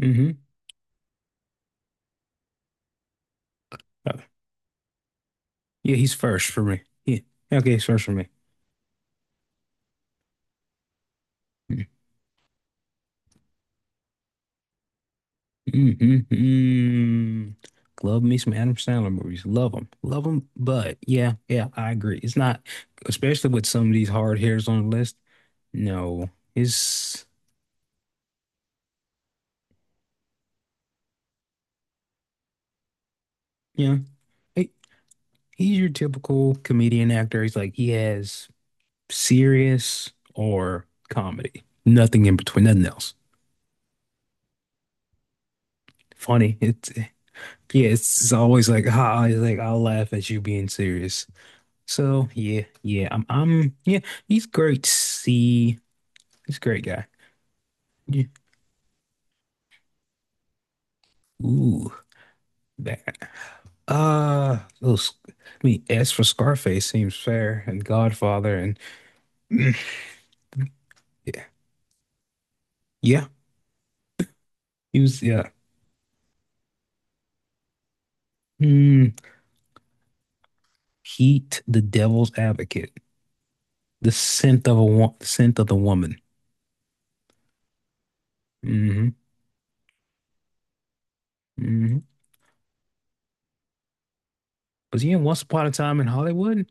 Hmm, yeah, he's first for me. Yeah. Okay, he's first for me. Mm-hmm. Love me some Adam Sandler movies. Love them. Love them. But yeah, yeah, I agree. It's not, especially with some of these hard hitters on the list. No, it's, yeah, he- he's your typical comedian actor. He's like, he has serious or comedy, nothing in between, nothing else. Funny. It's, yeah, it's always like, ha, it's like, I'll laugh at you being serious. So yeah, yeah, yeah, he's great. See, he's a great guy. Yeah. Ooh, that. Those. I mean, as for Scarface, seems fair, and Godfather, and mm, yeah, yeah, he was yeah. Hmm. Heat, The Devil's Advocate, The Scent of the Woman. Mm-hmm. Mm-hmm. Was he in Once Upon a Time in Hollywood?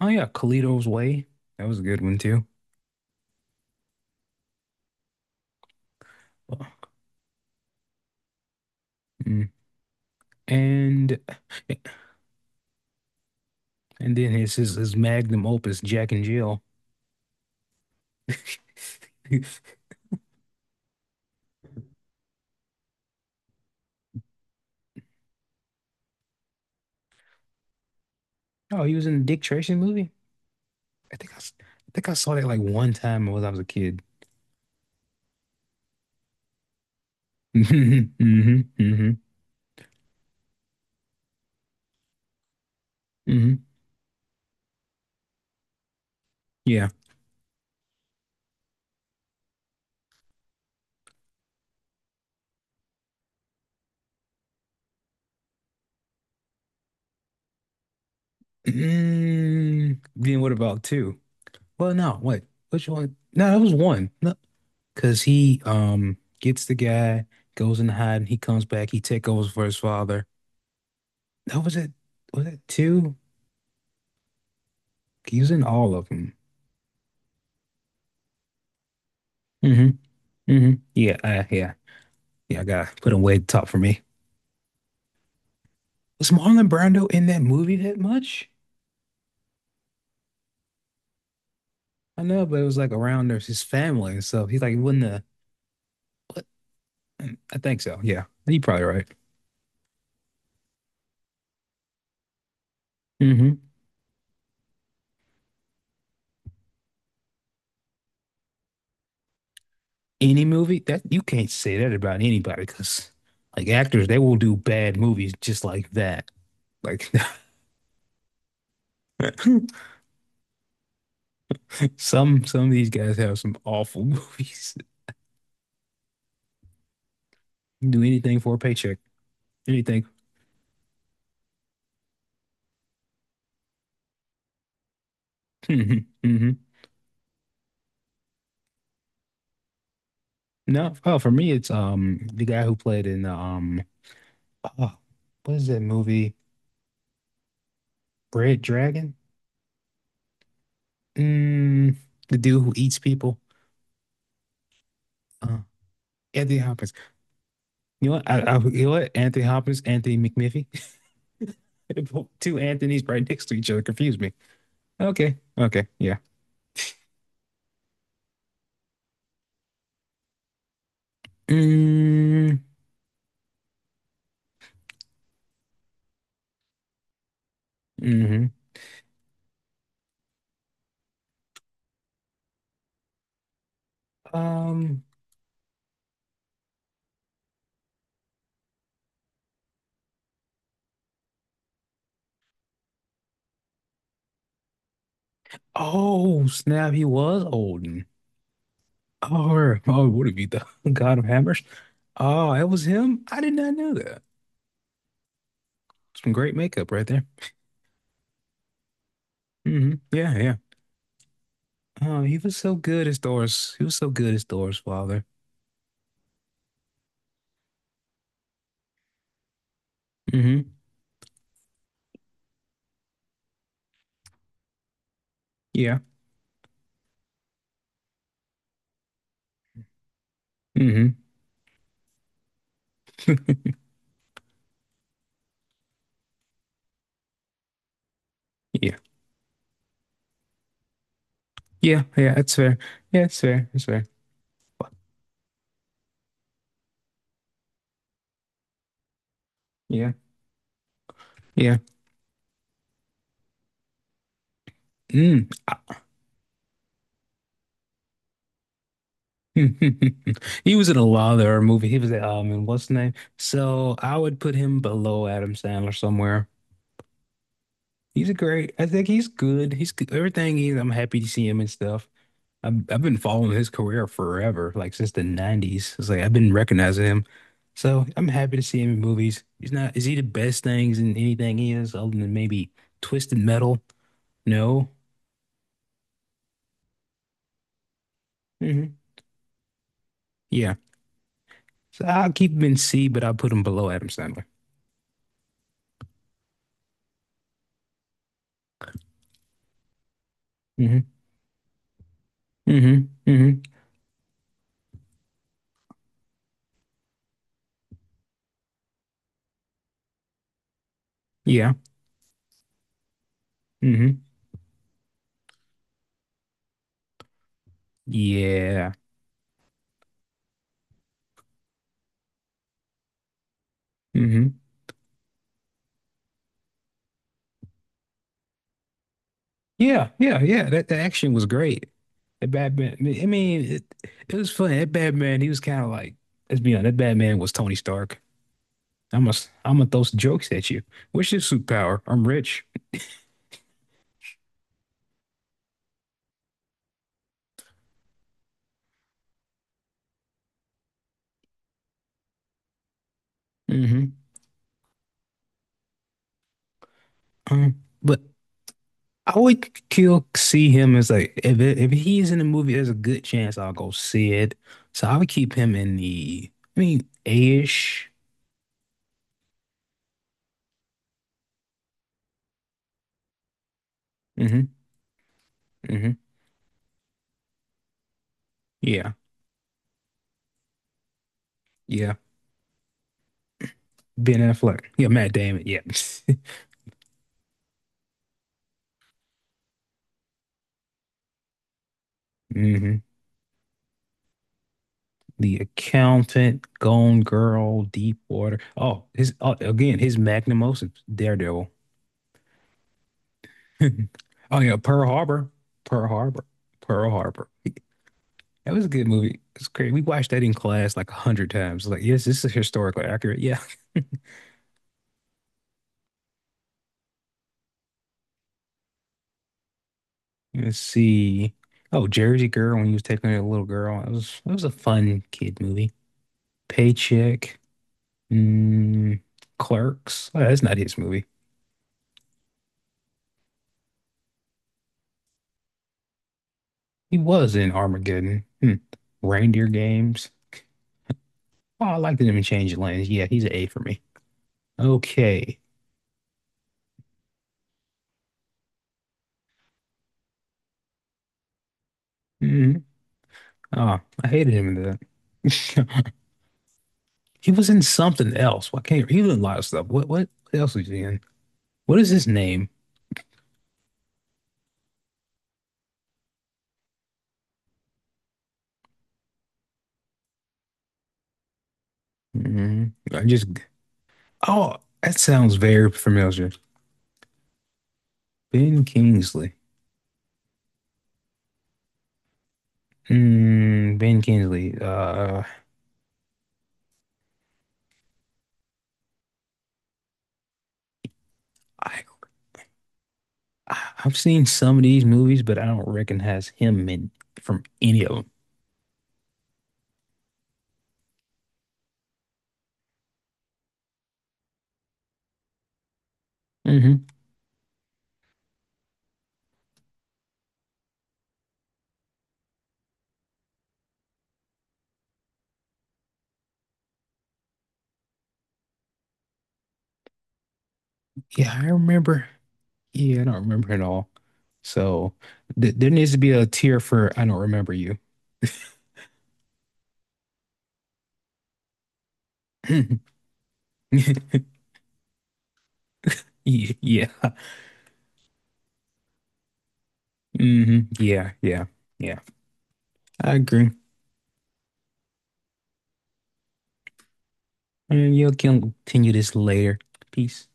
Oh yeah, Carlito's Way. That was a good one too. Mm. And. And then his magnum opus, Jack and Jill. Oh, he was in the Dick Tracy movie? I think I saw that like one time when I was a kid. hmm hmm hmm hmm Yeah. Mm, then what about two? Well, no, what? Which one? No, that was one. No, because he gets the guy, goes in hiding, he comes back, he take over for his father. That was it. Was it two? He was in all of them. Hmm hmm Yeah, yeah. Yeah, I gotta put him way top for me. Was Marlon Brando in that movie that much? I know, but it was like around there's his family and stuff. He's like, wouldn't the what? I think so. Yeah, you are probably right. Hmm. Any movie that you can't say that about anybody, because like actors, they will do bad movies just like that. Like some of these guys have some awful movies. Do anything for a paycheck. Anything. hmm No. Oh, for me, it's the guy who played in Oh, what is that movie? Red Dragon? Mm, the dude who eats people. Uh, Anthony Hopkins. You know what? You know what? Anthony Hopkins, Anthony McMiffy. Two Anthony's right next to each other. Confuse me. Okay. Okay. Yeah. Mm, hmm. Um. Oh, snap. He was Odin. Oh, oh, would it be the God of Hammers? Oh, it was him? I did not know that. Some great makeup right there. Hmm. Yeah. Yeah. Oh, he was so good as Doris. He was so good as Doris' father. Mm-hmm. Yeah. Mm-hmm. Yeah. Yeah. Yeah. That's fair. Yeah, it's fair. It's fair. Fuck. Yeah. Yeah. Mm. Ah. He was in a lot of their movie. He was in what's the name? So I would put him below Adam Sandler somewhere. He's a great. I think he's good. He's good. Everything he's. I'm happy to see him and stuff. I've been following his career forever, like since the 90s. It's like I've been recognizing him. So I'm happy to see him in movies. He's not, is he the best things in anything he is other than maybe Twisted Metal? No. Hmm. Yeah. So I'll keep him in C, but I'll put him below Adam Sandler. Hmm hmm hmm Yeah. hmm Yeah. hmm Yeah. Yeah. Yeah. That the action was great. That Batman, I mean, it was funny. That Batman, he was kind of like, let's be honest, that Batman was Tony Stark. I must I'm gonna throw some jokes at you. What's your superpower? I'm rich. Hmm but I would kill see him as like if he's in the movie, there's a good chance I'll go see it. So I would keep him in the I mean A-ish. Hmm hmm Yeah. Yeah. Ben Affleck. Yeah, Matt Damon. Yeah. hmm The Accountant, Gone Girl, Deep Water. Oh, his Oh, again, his magnum opus, Daredevil. Oh yeah, Pearl Harbor, Pearl Harbor. That was a good movie. It's great. We watched that in class like 100 times. Like, yes, this is historically accurate. Yeah. Let's see. Oh, Jersey Girl when he was taking a little girl. It was a fun kid movie. Paycheck. Mm, Clerks. Oh, that's not his movie. He was in Armageddon. Hmm. Reindeer Games. Oh, I liked him in Change Lanes. Yeah, he's an A for me. Okay. Mm. Oh, I hated him in that. He was in something else. Why can't he was in a lot of stuff? What else was he in? What is his name? Mm, I just oh, that sounds very familiar. Ben Kingsley. Mm, Ben Kingsley. I I- have seen some of these movies, but I don't recognize him in from any of them. Hmm Yeah, I remember. Yeah, I don't remember at all. So th there needs to be a tier for I don't remember you. Yeah, yeah. hmm Yeah, yeah, yeah. I agree. And you can continue this later. Peace.